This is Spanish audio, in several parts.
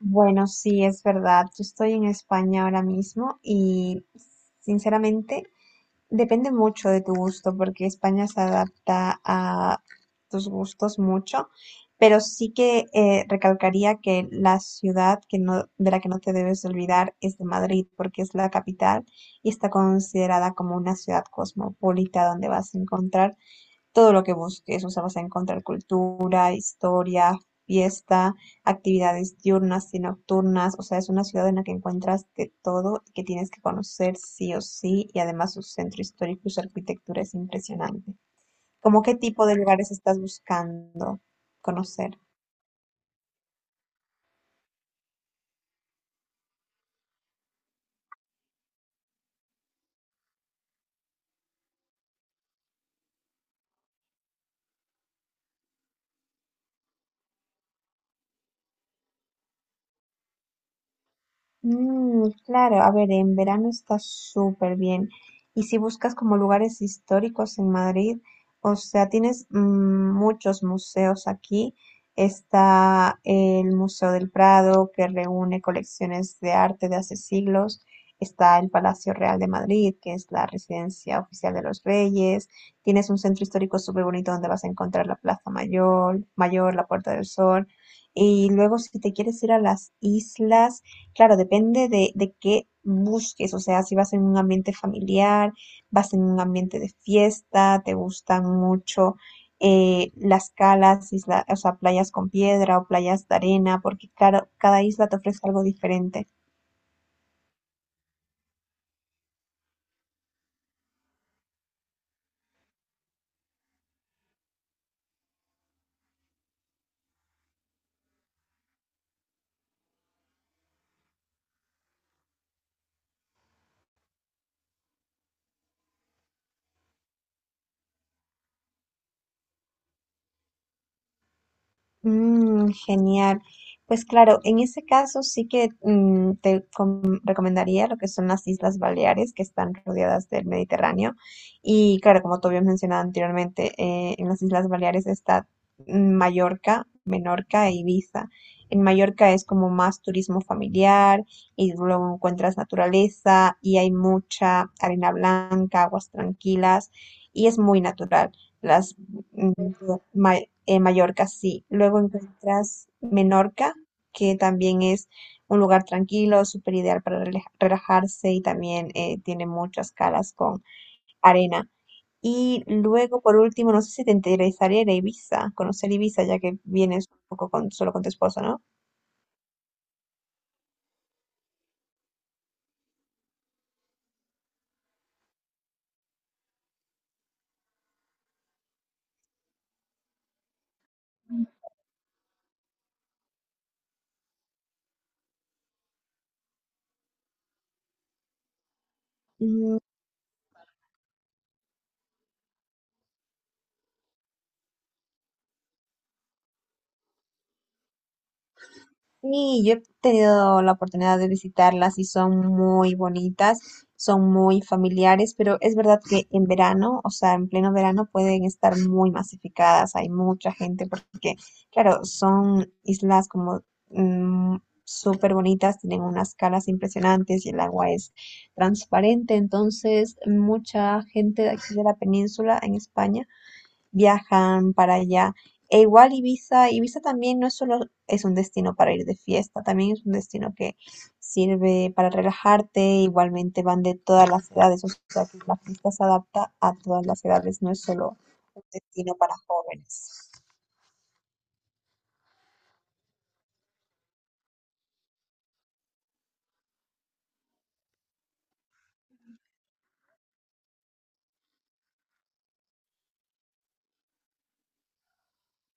Bueno, sí, es verdad. Yo estoy en España ahora mismo y sinceramente depende mucho de tu gusto porque España se adapta a tus gustos mucho, pero sí que recalcaría que la ciudad que no, de la que no te debes olvidar es de Madrid porque es la capital y está considerada como una ciudad cosmopolita donde vas a encontrar todo lo que busques, o sea, vas a encontrar cultura, historia, fiesta, actividades diurnas y nocturnas, o sea, es una ciudad en la que encuentras de todo y que tienes que conocer sí o sí, y además su centro histórico y su arquitectura es impresionante. ¿Cómo qué tipo de lugares estás buscando conocer? Mm, claro, a ver, en verano está súper bien. Y si buscas como lugares históricos en Madrid, o sea, tienes muchos museos aquí. Está el Museo del Prado, que reúne colecciones de arte de hace siglos. Está el Palacio Real de Madrid, que es la residencia oficial de los reyes. Tienes un centro histórico súper bonito donde vas a encontrar la Plaza Mayor, la Puerta del Sol. Y luego, si te quieres ir a las islas, claro, depende de qué busques, o sea, si vas en un ambiente familiar, vas en un ambiente de fiesta, te gustan mucho las calas, o sea, playas con piedra o playas de arena, porque claro, cada isla te ofrece algo diferente. Mm, genial. Pues claro, en ese caso sí que mm, recomendaría lo que son las Islas Baleares, que están rodeadas del Mediterráneo. Y claro, como tú habías mencionado anteriormente, en las Islas Baleares está mm, Mallorca, Menorca e Ibiza. En Mallorca es como más turismo familiar y luego encuentras naturaleza y hay mucha arena blanca, aguas tranquilas y es muy natural. Las Mm, Ma- Mallorca, sí. Luego encuentras Menorca, que también es un lugar tranquilo, súper ideal para relajarse y también tiene muchas calas con arena. Y luego, por último, no sé si te interesaría ir a Ibiza, conocer Ibiza, ya que vienes un poco solo con tu esposo, ¿no? Sí, yo he tenido la oportunidad de visitarlas y son muy bonitas, son muy familiares, pero es verdad que en verano, o sea, en pleno verano pueden estar muy masificadas, hay mucha gente porque, claro, son islas como mm, súper bonitas, tienen unas calas impresionantes y el agua es transparente, entonces mucha gente de aquí de la península en España viajan para allá. E igual Ibiza también no es solo es un destino para ir de fiesta, también es un destino que sirve para relajarte, igualmente van de todas las edades, o sea que la fiesta se adapta a todas las edades, no es solo un destino para jóvenes.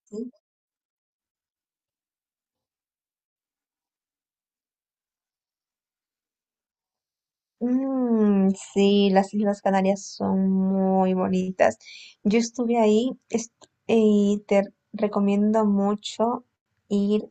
¿Sí? Mm, sí, las Islas Canarias son muy bonitas. Yo estuve y te recomiendo mucho ir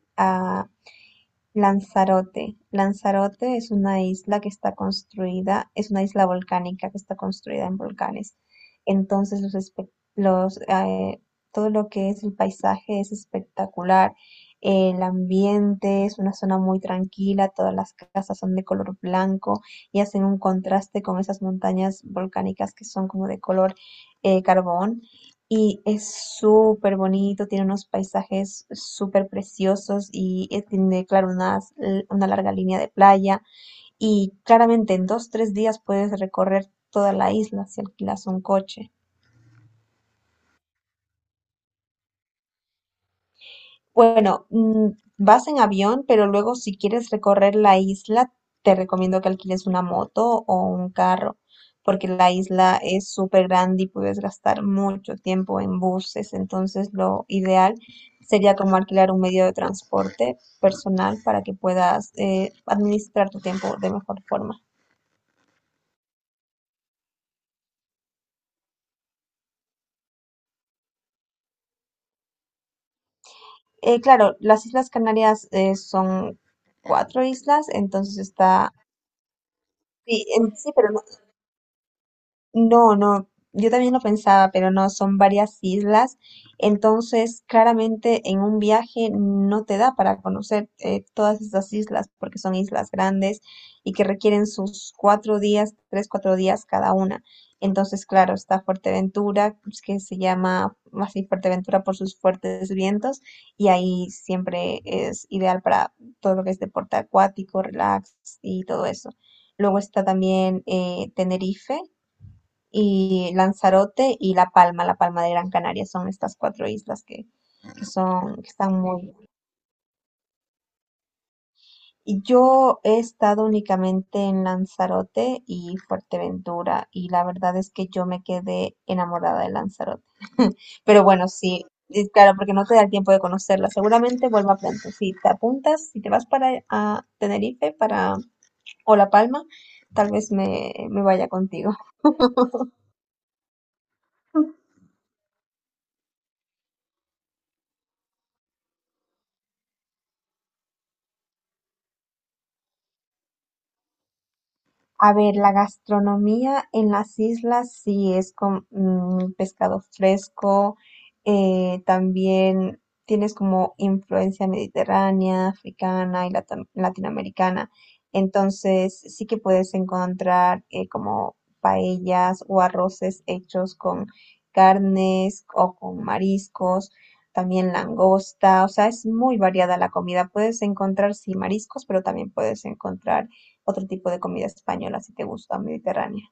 Lanzarote. Lanzarote es una isla es una isla volcánica que está construida en volcanes. Entonces, todo lo que es el paisaje es espectacular. El ambiente es una zona muy tranquila, todas las casas son de color blanco y hacen un contraste con esas montañas volcánicas que son como de color carbón. Y es súper bonito, tiene unos paisajes súper preciosos y tiene, claro, larga línea de playa. Y claramente en dos, tres días puedes recorrer toda la isla si alquilas un coche. Bueno, mm, vas en avión, pero luego si quieres recorrer la isla, te recomiendo que alquiles una moto o un carro, porque la isla es súper grande y puedes gastar mucho tiempo en buses, entonces lo ideal sería como alquilar un medio de transporte personal para que puedas administrar tu tiempo de mejor forma. Claro, las Islas Canarias son cuatro islas, entonces está... sí, pero no, no, yo también lo pensaba, pero no, son varias islas, entonces claramente en un viaje no te da para conocer todas estas islas, porque son islas grandes y que requieren sus cuatro días, tres, cuatro días cada una. Entonces, claro, está Fuerteventura, pues, que se llama así Fuerteventura por sus fuertes vientos, y ahí siempre es ideal para todo lo que es deporte acuático, relax y todo eso. Luego está también Tenerife y Lanzarote y La Palma, La Palma de Gran Canaria, son estas cuatro islas que están muy... Y yo he estado únicamente en Lanzarote y Fuerteventura y la verdad es que yo me quedé enamorada de Lanzarote. Pero bueno, sí, y claro, porque no te da el tiempo de conocerla. Seguramente vuelva pronto. Si te apuntas, si te vas para a Tenerife para, o La Palma, tal vez me vaya contigo. A ver, la gastronomía en las islas sí es con mm, pescado fresco, también tienes como influencia mediterránea, africana y latinoamericana. Entonces sí que puedes encontrar como paellas o arroces hechos con carnes o con mariscos, también langosta, o sea, es muy variada la comida. Puedes encontrar sí mariscos, pero también puedes encontrar otro tipo de comida española si te gusta, mediterránea.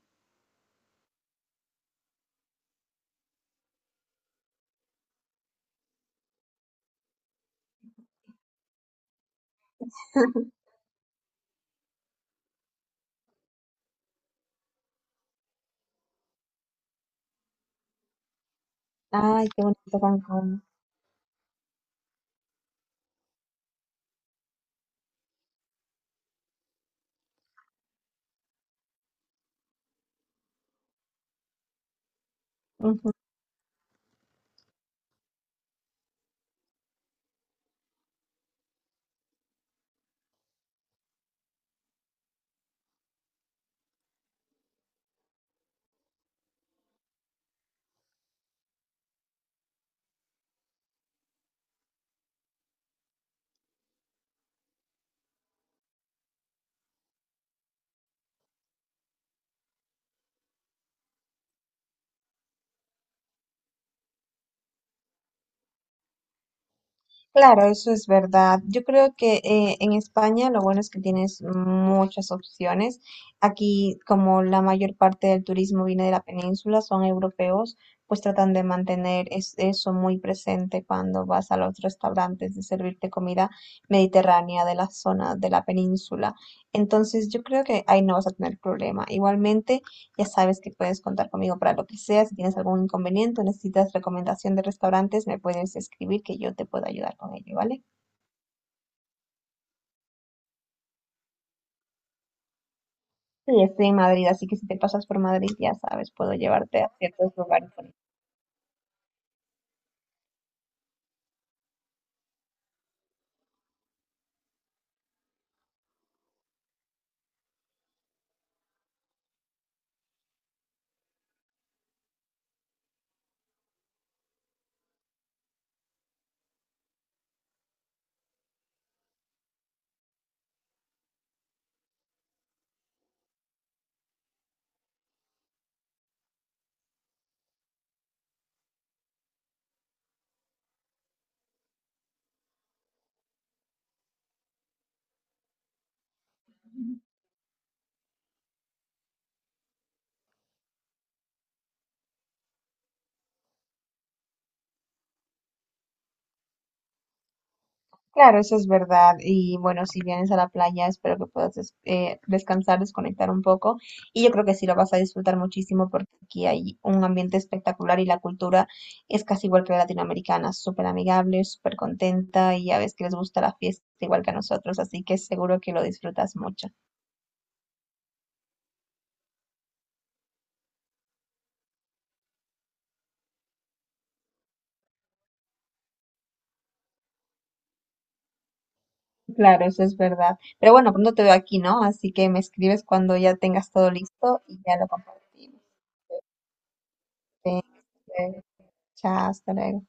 Ay, qué bonito Cancún. Ujú. Claro, eso es verdad. Yo creo que en España lo bueno es que tienes muchas opciones. Aquí, como la mayor parte del turismo viene de la península, son europeos, pues tratan de mantener eso muy presente cuando vas a los restaurantes de servirte comida mediterránea de la zona de la península. Entonces, yo creo que ahí no vas a tener problema. Igualmente, ya sabes que puedes contar conmigo para lo que sea. Si tienes algún inconveniente o necesitas recomendación de restaurantes, me puedes escribir que yo te puedo ayudar con ello, ¿vale? Sí, estoy en Madrid, así que si te pasas por Madrid, ya sabes, puedo llevarte a ciertos lugares bonitos. Claro, eso es verdad. Y bueno, si vienes a la playa, espero que puedas descansar, desconectar un poco. Y yo creo que sí lo vas a disfrutar muchísimo porque aquí hay un ambiente espectacular y la cultura es casi igual que la latinoamericana, súper amigable, súper contenta y ya ves que les gusta la fiesta igual que a nosotros, así que seguro que lo disfrutas mucho. Claro, eso es verdad. Pero bueno, pronto te veo aquí, ¿no? Así que me escribes cuando ya tengas todo listo y ya lo compartimos. Venga, chao, hasta luego.